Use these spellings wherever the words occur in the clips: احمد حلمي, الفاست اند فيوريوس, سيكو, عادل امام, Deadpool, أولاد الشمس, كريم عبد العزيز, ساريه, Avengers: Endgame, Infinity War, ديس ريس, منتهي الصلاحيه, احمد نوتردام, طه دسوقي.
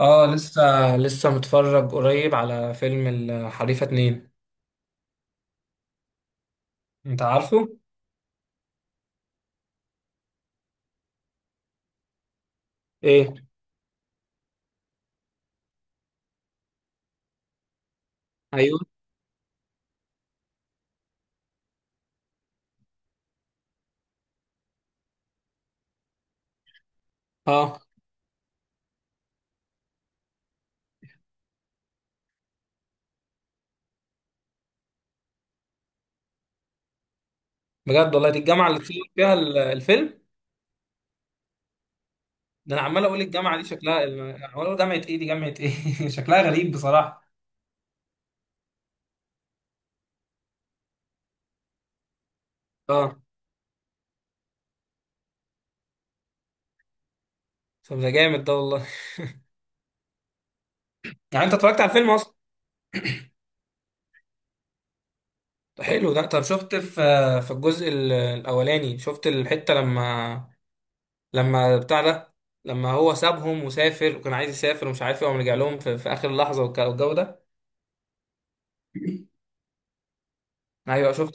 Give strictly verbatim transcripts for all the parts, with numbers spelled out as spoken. اه، لسه لسه متفرج قريب على فيلم الحريفة اتنين. انت عارفه؟ ايه؟ ايوه. اه، بجد والله، دي الجامعة اللي اتصور فيها ال- الفيلم ده. انا عمال اقول الجامعة دي شكلها، عمال اقول جامعة ايه دي، جامعة ايه شكلها غريب بصراحة. اه، طب ده جامد ده والله. يعني انت اتفرجت على الفيلم اصلا؟ ده حلو ده. طب، شفت في في الجزء ال- الاولاني، شفت الحتة لما لما بتاع ده لما هو سابهم وسافر وكان عايز يسافر ومش عارف ايه وقام رجع لهم في, في اخر لحظة، والك- والجو ده. ايوه، شفت.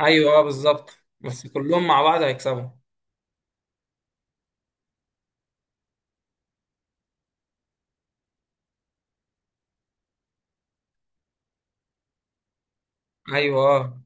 ايوه، اه، بالظبط، بس كلهم مع بعض هيكسبوا. ايوه، اه.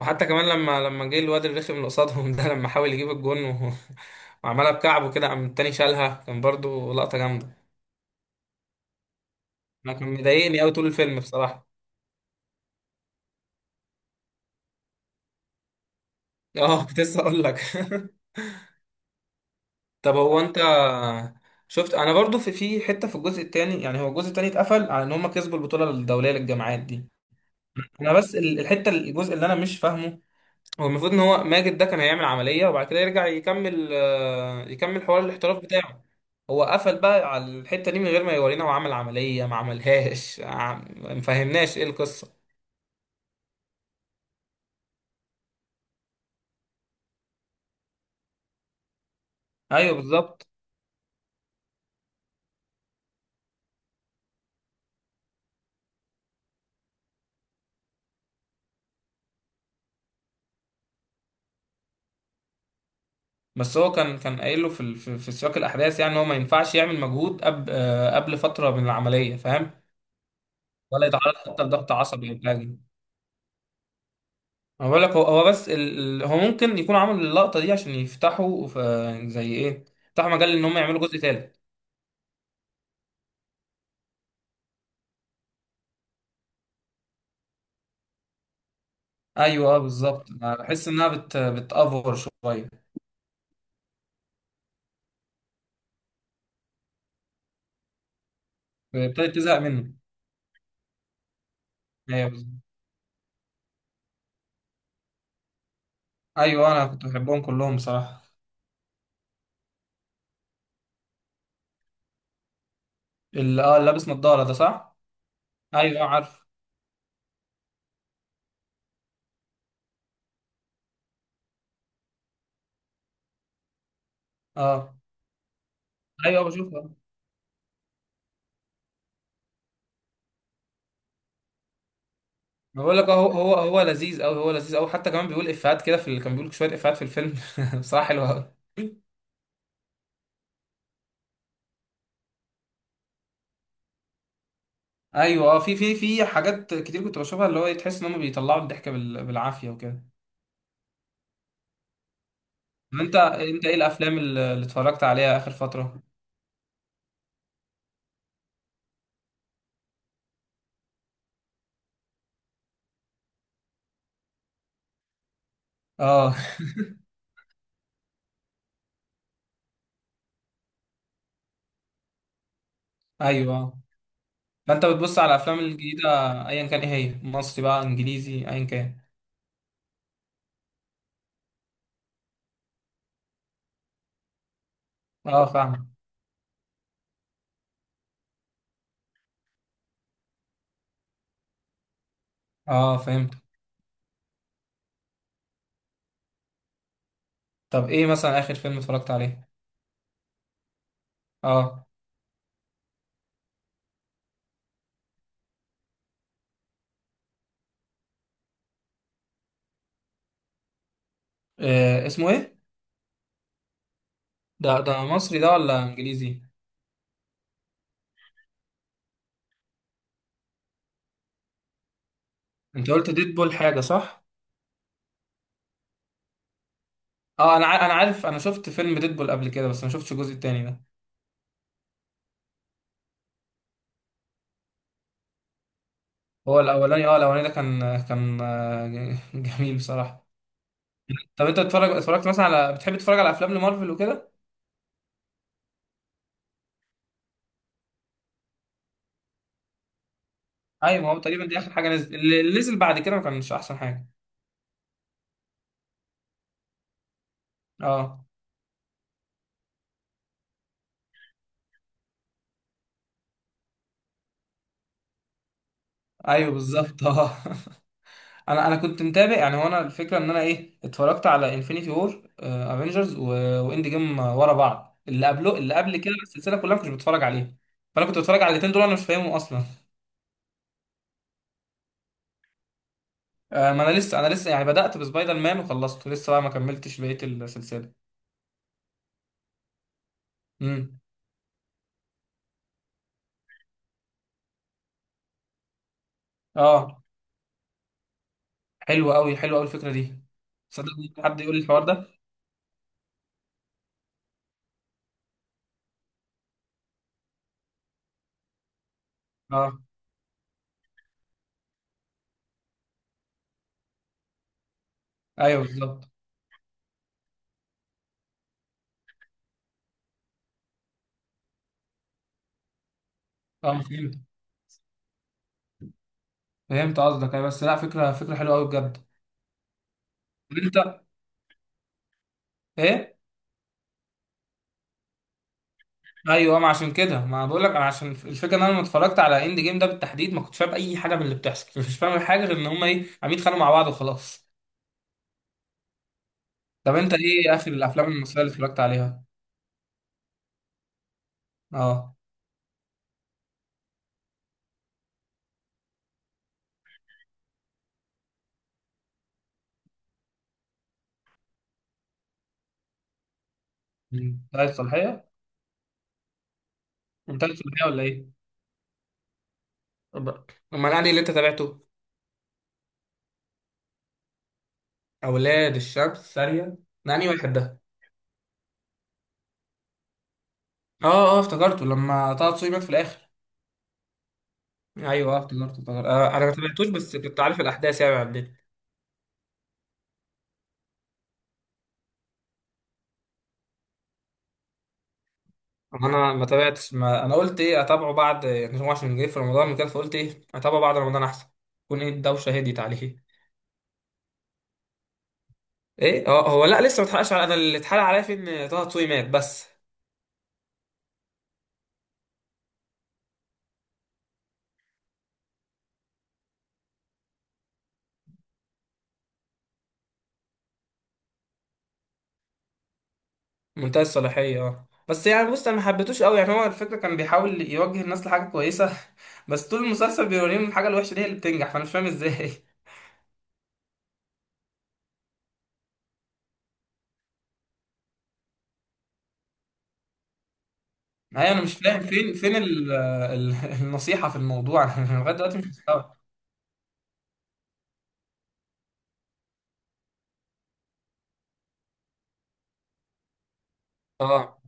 وحتى كمان لما لما جه الواد الرخم اللي قصادهم، ده لما حاول يجيب الجون و... وعملها بكعبه كده، قام التاني شالها، كان برضو لقطة جامدة. انا كان مضايقني قوي طول الفيلم بصراحة. اه، كنت لسه اقول لك. طب هو انت، شفت انا برضو في في حتة في الجزء التاني؟ يعني هو الجزء التاني اتقفل على ان هم كسبوا البطولة الدولية للجامعات دي. انا بس ال- الحتة، الجزء اللي انا مش فاهمه، هو المفروض ان هو ماجد ده كان هيعمل عملية وبعد كده يرجع يكمل آه، يكمل حوار الاحتراف بتاعه. هو قفل بقى على الحتة دي من غير ما يورينا هو عمل عملية ما عملهاش. عم- ما فهمناش ايه القصة. ايوه، بالظبط. بس هو كان كان قايل له في ال- في في سياق الاحداث، يعني إن هو ما ينفعش يعمل مجهود قبل آه، قبل فترة من العملية، فاهم؟ ولا يتعرض حتى لضغط عصبي او حاجة. انا بقول لك هو هو بس ال... ال- هو ممكن يكون عمل اللقطة دي عشان يفتحوا آه، زي ايه يفتحوا مجال ان هم يعملوا جزء تالت. ايوه، اه، بالظبط. أنا بحس انها بت بتأفور شويه، ابتدت تزهق منه. ايوه، بالظبط. ايوه، انا كنت بحبهم كلهم بصراحه. اللي اه اللي لابس نظاره ده، صح؟ ايوه، آه، عارف. اه، ايوه، آه، بشوفه. أنا بقول لك هو هو هو لذيذ قوي، هو لذيذ قوي. حتى كمان بيقول افيهات كده، في اللي كان بيقول شويه افيهات في الفيلم، بصراحه حلوه قوي. ايوه، اه. في في في حاجات كتير كنت بشوفها، اللي هو إيه، تحس ان هم بيطلعوا الضحك بال- بالعافيه وكده. طب انت انت ايه الافلام اللي اللي اتفرجت عليها اخر فتره؟ اه. ايوه، آه. فانت بتبص على الافلام الجديده، ايا كان، ايه، هي مصري بقى انجليزي ايا كان. اه، فاهم. اه، فهمت. طب ايه مثلا اخر فيلم اتفرجت عليه؟ اه. إيه اسمه، ايه؟ ده ده مصري ده ولا انجليزي؟ انت قلت ديدبول حاجه، صح؟ اه، انا ع- انا عارف، انا شفت فيلم ديدبول قبل كده بس ما شفتش الجزء التاني ده. هو الاولاني، اه الاولاني ده، كان كان آه، ج- جميل بصراحه. طب انت بتتفرج، اتفرجت مثلا على بتحب تتفرج على افلام لمارفل وكده؟ ايوه، ما هو تقريبا دي اخر حاجه نزلت. اللي اللي نزل بعد كده ما كانش احسن حاجه. اه، ايوه، بالظبط، اه. انا انا كنت متابع، يعني وانا الفكره ان انا ايه اتفرجت على انفينيتي وور، افنجرز، واند جيم، ورا بعض. اللي قبله اللي قبل كده السلسله كلها ما كنتش بتفرج عليها، فانا كنت بتفرج على الاثنين دول انا مش فاهمهم اصلا. آه، ما انا لسه، انا لسه يعني بدات بسبايدر مان وخلصته لسه بقى، ما كملتش بقيه السلسله. امم اه، حلوه قوي، حلوه قوي الفكره دي. صدق، ممكن حد يقول لي الحوار ده. اه، ايوه، بالظبط. اه، فهمت، فهمت قصدك. أيوة، بس لا، فكره، فكره حلوه قوي بجد. طب انت ايه؟ ايوه، ما عشان كده ما بقول لك، انا عشان الفكره ان انا لما اتفرجت على اند جيم ده بالتحديد، ما كنتش فاهم اي حاجه من اللي بتحصل. مش فاهم حاجه غير ان هم ايه عم يتخانقوا مع بعض وخلاص. طب انت ايه اخر الافلام المصريه اللي اتفرجت عليها؟ اه، منتهي الصلاحيه. منتهي الصلاحيه ولا ايه؟ طب- امال انهي اللي انت تابعته؟ اولاد الشمس ساريه؟ ده انهي واحد ده؟ اه، اه، افتكرته لما طه دسوقي مات في الاخر. ايوه، آه، افتكرته، افتكرته. آه، انا ما تابعتوش بس كنت عارف الاحداث يعني عندنا. انا ما تابعتش، ما انا قلت ايه اتابعه بعد نجم عشان جه في رمضان وكده، فقلت ايه اتابعه بعد رمضان احسن، يكون ايه الدوشه هديت عليه. ايه، اه. هو لا، لسه ما اتحرقش على، انا اللي اتحرق عليا في ان طه دسوقي مات بس. منتهي الصلاحيه، اه، بس يعني بص، انا ما حبيتوش قوي، يعني هو الفكره كان بيحاول يوجه الناس لحاجه كويسه، بس طول المسلسل بيوريهم الحاجه الوحشه دي هي اللي بتنجح، فانا مش فاهم ازاي. ايوه، انا مش فاهم فين فين ال ال النصيحه في الموضوع. انا لغايه دلوقتي مش مستوعب. اه،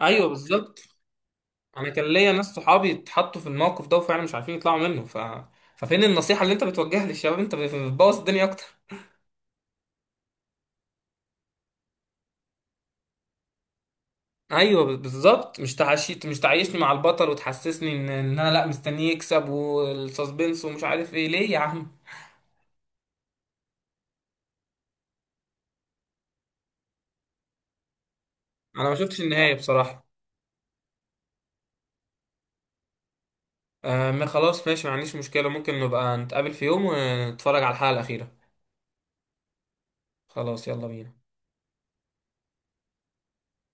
ايوه، بالظبط. انا كان ليا ناس صحابي اتحطوا في الموقف ده وفعلا مش عارفين يطلعوا منه، ف... ففين النصيحة اللي انت بتوجهها للشباب؟ انت بتبوظ الدنيا اكتر. ايوه، ب- بالظبط. مش تعيشني مش تعيشني مع البطل وتحسسني ان ان انا لا، مستنيه يكسب والسسبنس ومش عارف ايه، ليه يا عم؟ انا ما شفتش النهاية بصراحة. آه، ما خلاص، ماشي، ما عنديش مشكلة. ممكن نبقى نتقابل في يوم ونتفرج على الحلقة الأخيرة. خلاص، يلا بينا.